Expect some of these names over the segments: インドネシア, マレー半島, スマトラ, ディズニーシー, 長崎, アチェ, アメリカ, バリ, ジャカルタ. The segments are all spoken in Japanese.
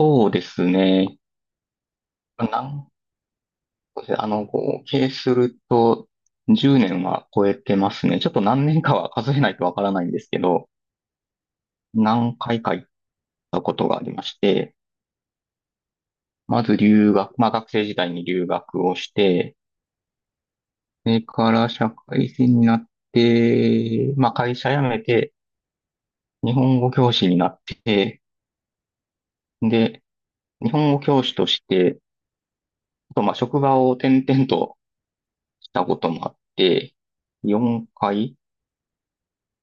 そうですね。なんあの、合計すると10年は超えてますね。ちょっと何年かは数えないとわからないんですけど、何回か行ったことがありまして、まず留学、まあ学生時代に留学をして、それから社会人になって、まあ会社辞めて、日本語教師になって、で、日本語教師として、あとまあ職場を転々としたこともあって、4回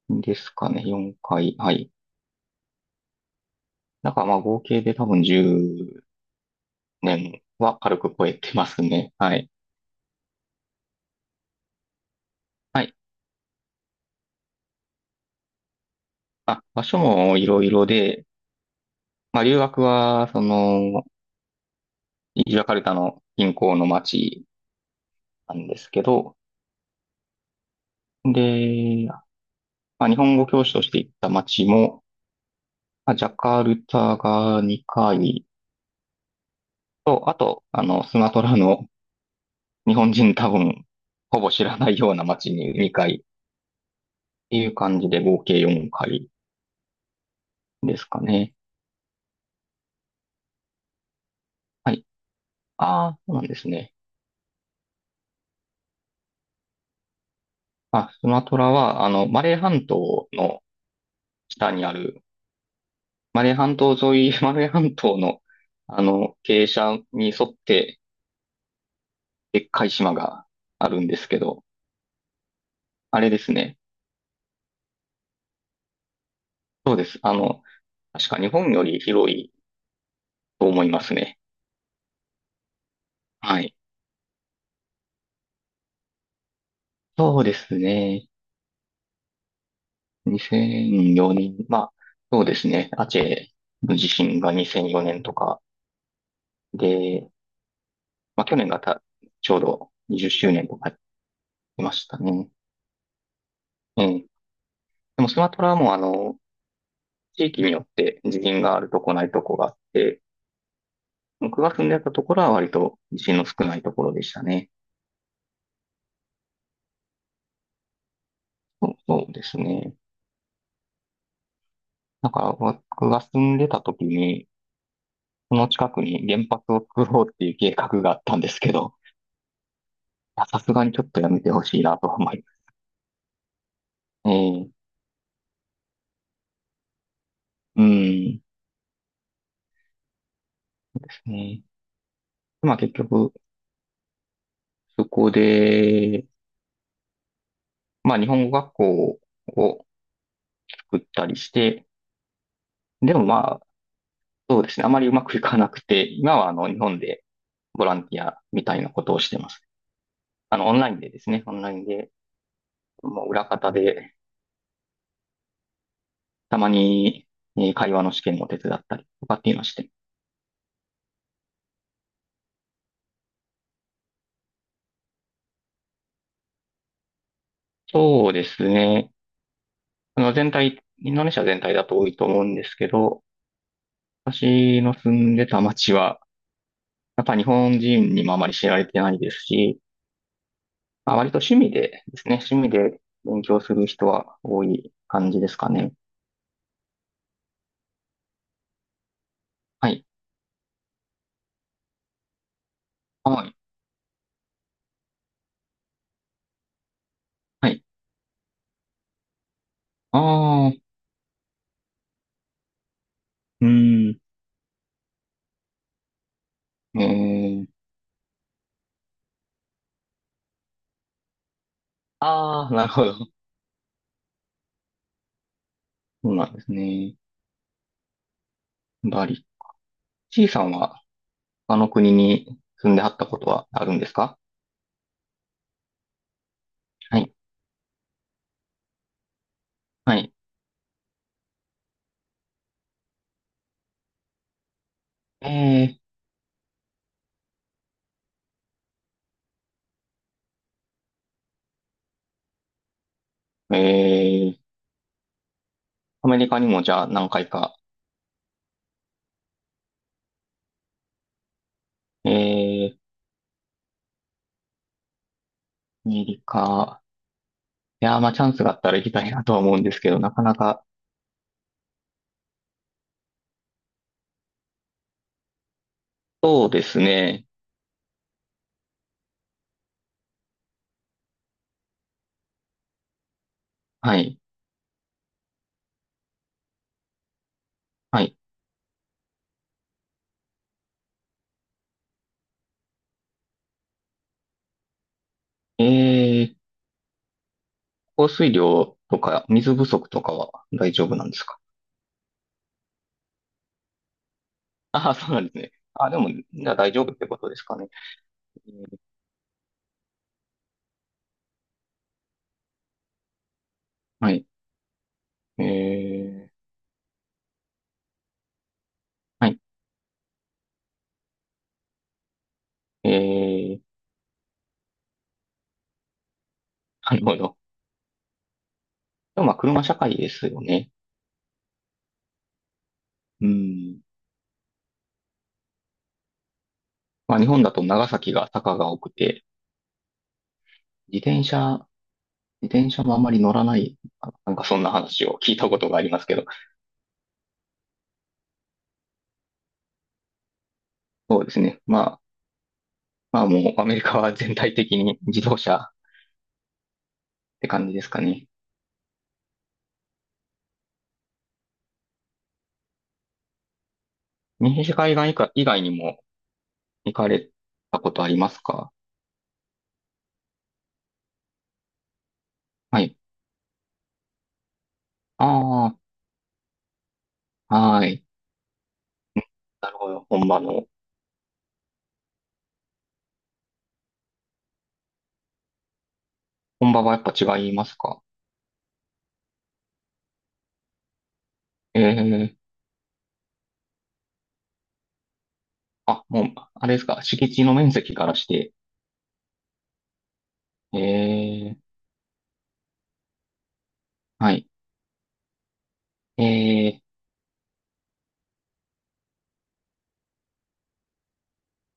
ですかね、4回。はい。だからまあ合計で多分10年は軽く超えてますね。はい。はい。あ、場所もいろいろで、まあ留学は、ジャカルタの銀行の町なんですけど、で、まあ、日本語教師として行った町も、まあ、ジャカルタが2回と、あと、スマトラの日本人多分、ほぼ知らないような町に2回っていう感じで合計4回ですかね。はい。ああ、そうなんですね。あ、スマトラは、マレー半島の下にある、マレー半島沿い、マレー半島の、傾斜に沿って、でっかい島があるんですけど、あれですね。そうです。確か日本より広いと思いますね。はい。そうですね。2004年、まあ、そうですね。アチェの地震が2004年とかで、まあ、去年がた、ちょうど20周年とかやってましたね。ええ。でもスマトラはもう地域によって地震があるとこないとこがあって、僕が住んでたところは割と地震の少ないところでしたね。そうそうですね。なんか僕が住んでた時に、この近くに原発を作ろうっていう計画があったんですけど、いやさすがにちょっとやめてほしいなと思いますね。うん。ですね。まあ結局、そこで、まあ日本語学校を作ったりして、でもまあ、そうですね。あまりうまくいかなくて、今は日本でボランティアみたいなことをしてます。オンラインでですね、オンラインで、もう裏方で、たまに、会話の試験を手伝ったりとかっていうのして。そうですね。全体、インドネシア全体だと多いと思うんですけど、私の住んでた町は、やっぱ日本人にもあまり知られてないですし、まあ、割と趣味でですね、趣味で勉強する人は多い感じですかね。はい。はい。はい。ああ、うーん。えー、ああ、なるほど。そうなんですね。バリ、C さんは他の国に住んではったことはあるんですか？はい。はい。えー、えー、アメリカにもじゃあ何回か。えー、アメリカ。いやー、まあチャンスがあったら行きたいなとは思うんですけど、なかなか。そうですね。はい。はい。えー、降水量とか水不足とかは大丈夫なんですか？ああ、そうなんですね。あ、でも、じゃあ大丈夫ってことですかね。はい。えー、はい。えー、なるほど。でもまあ車社会ですよね。うん。まあ日本だと長崎が坂が多くて、自転車、自転車もあまり乗らない、あ、なんかそんな話を聞いたことがありますけど、そうですね。まあ、もうアメリカは全体的に自動車って感じですかね。西海岸以下以外にも行かれたことありますか？はい。ああ、はい。なるほど。本場はやっぱ違いますか？ええ。あ、もう、あれですか。敷地の面積からして、ええ。はい。ええ、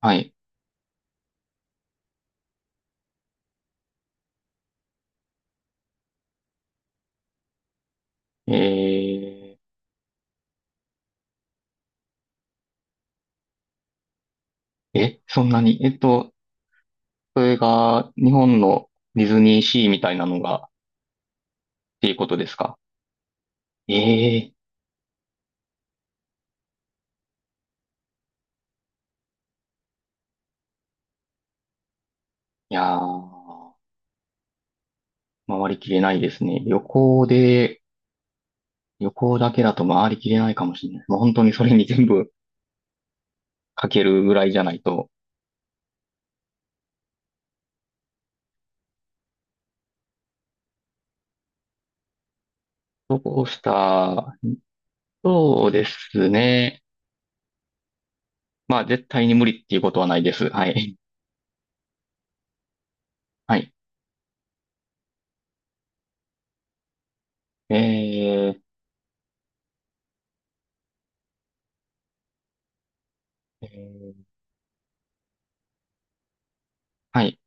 はい。えー。え、そんなに、それが日本のディズニーシーみたいなのがっていうことですか？ええ、いやー、回りきれないですね。旅行だけだと回りきれないかもしれない。もう本当にそれに全部かけるぐらいじゃないと。そうした、そうですね。まあ、絶対に無理っていうことはないです。はい。はい。えー。えー、はい。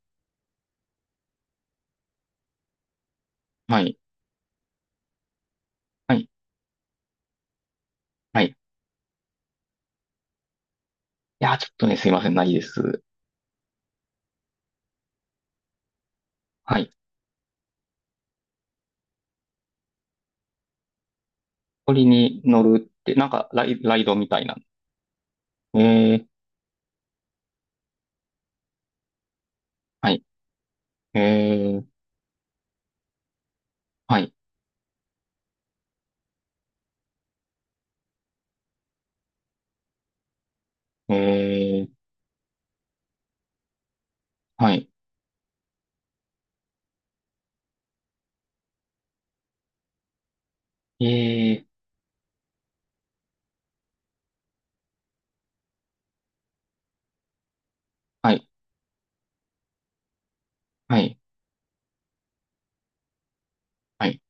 はい。はい。はい。いやー、ちょっとね、すいません、ないです。はい。鳥に乗るって、なんかライドみたいな。えー、はい。えー、はい。えー、はい。えー、はい。はい。はい。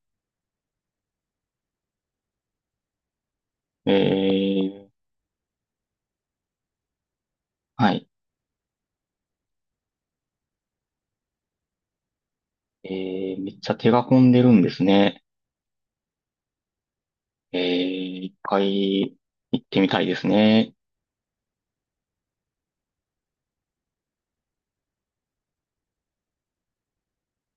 えー、はい。えー、めっちゃ手が込んでるんですね。えー、一回行ってみたいですね。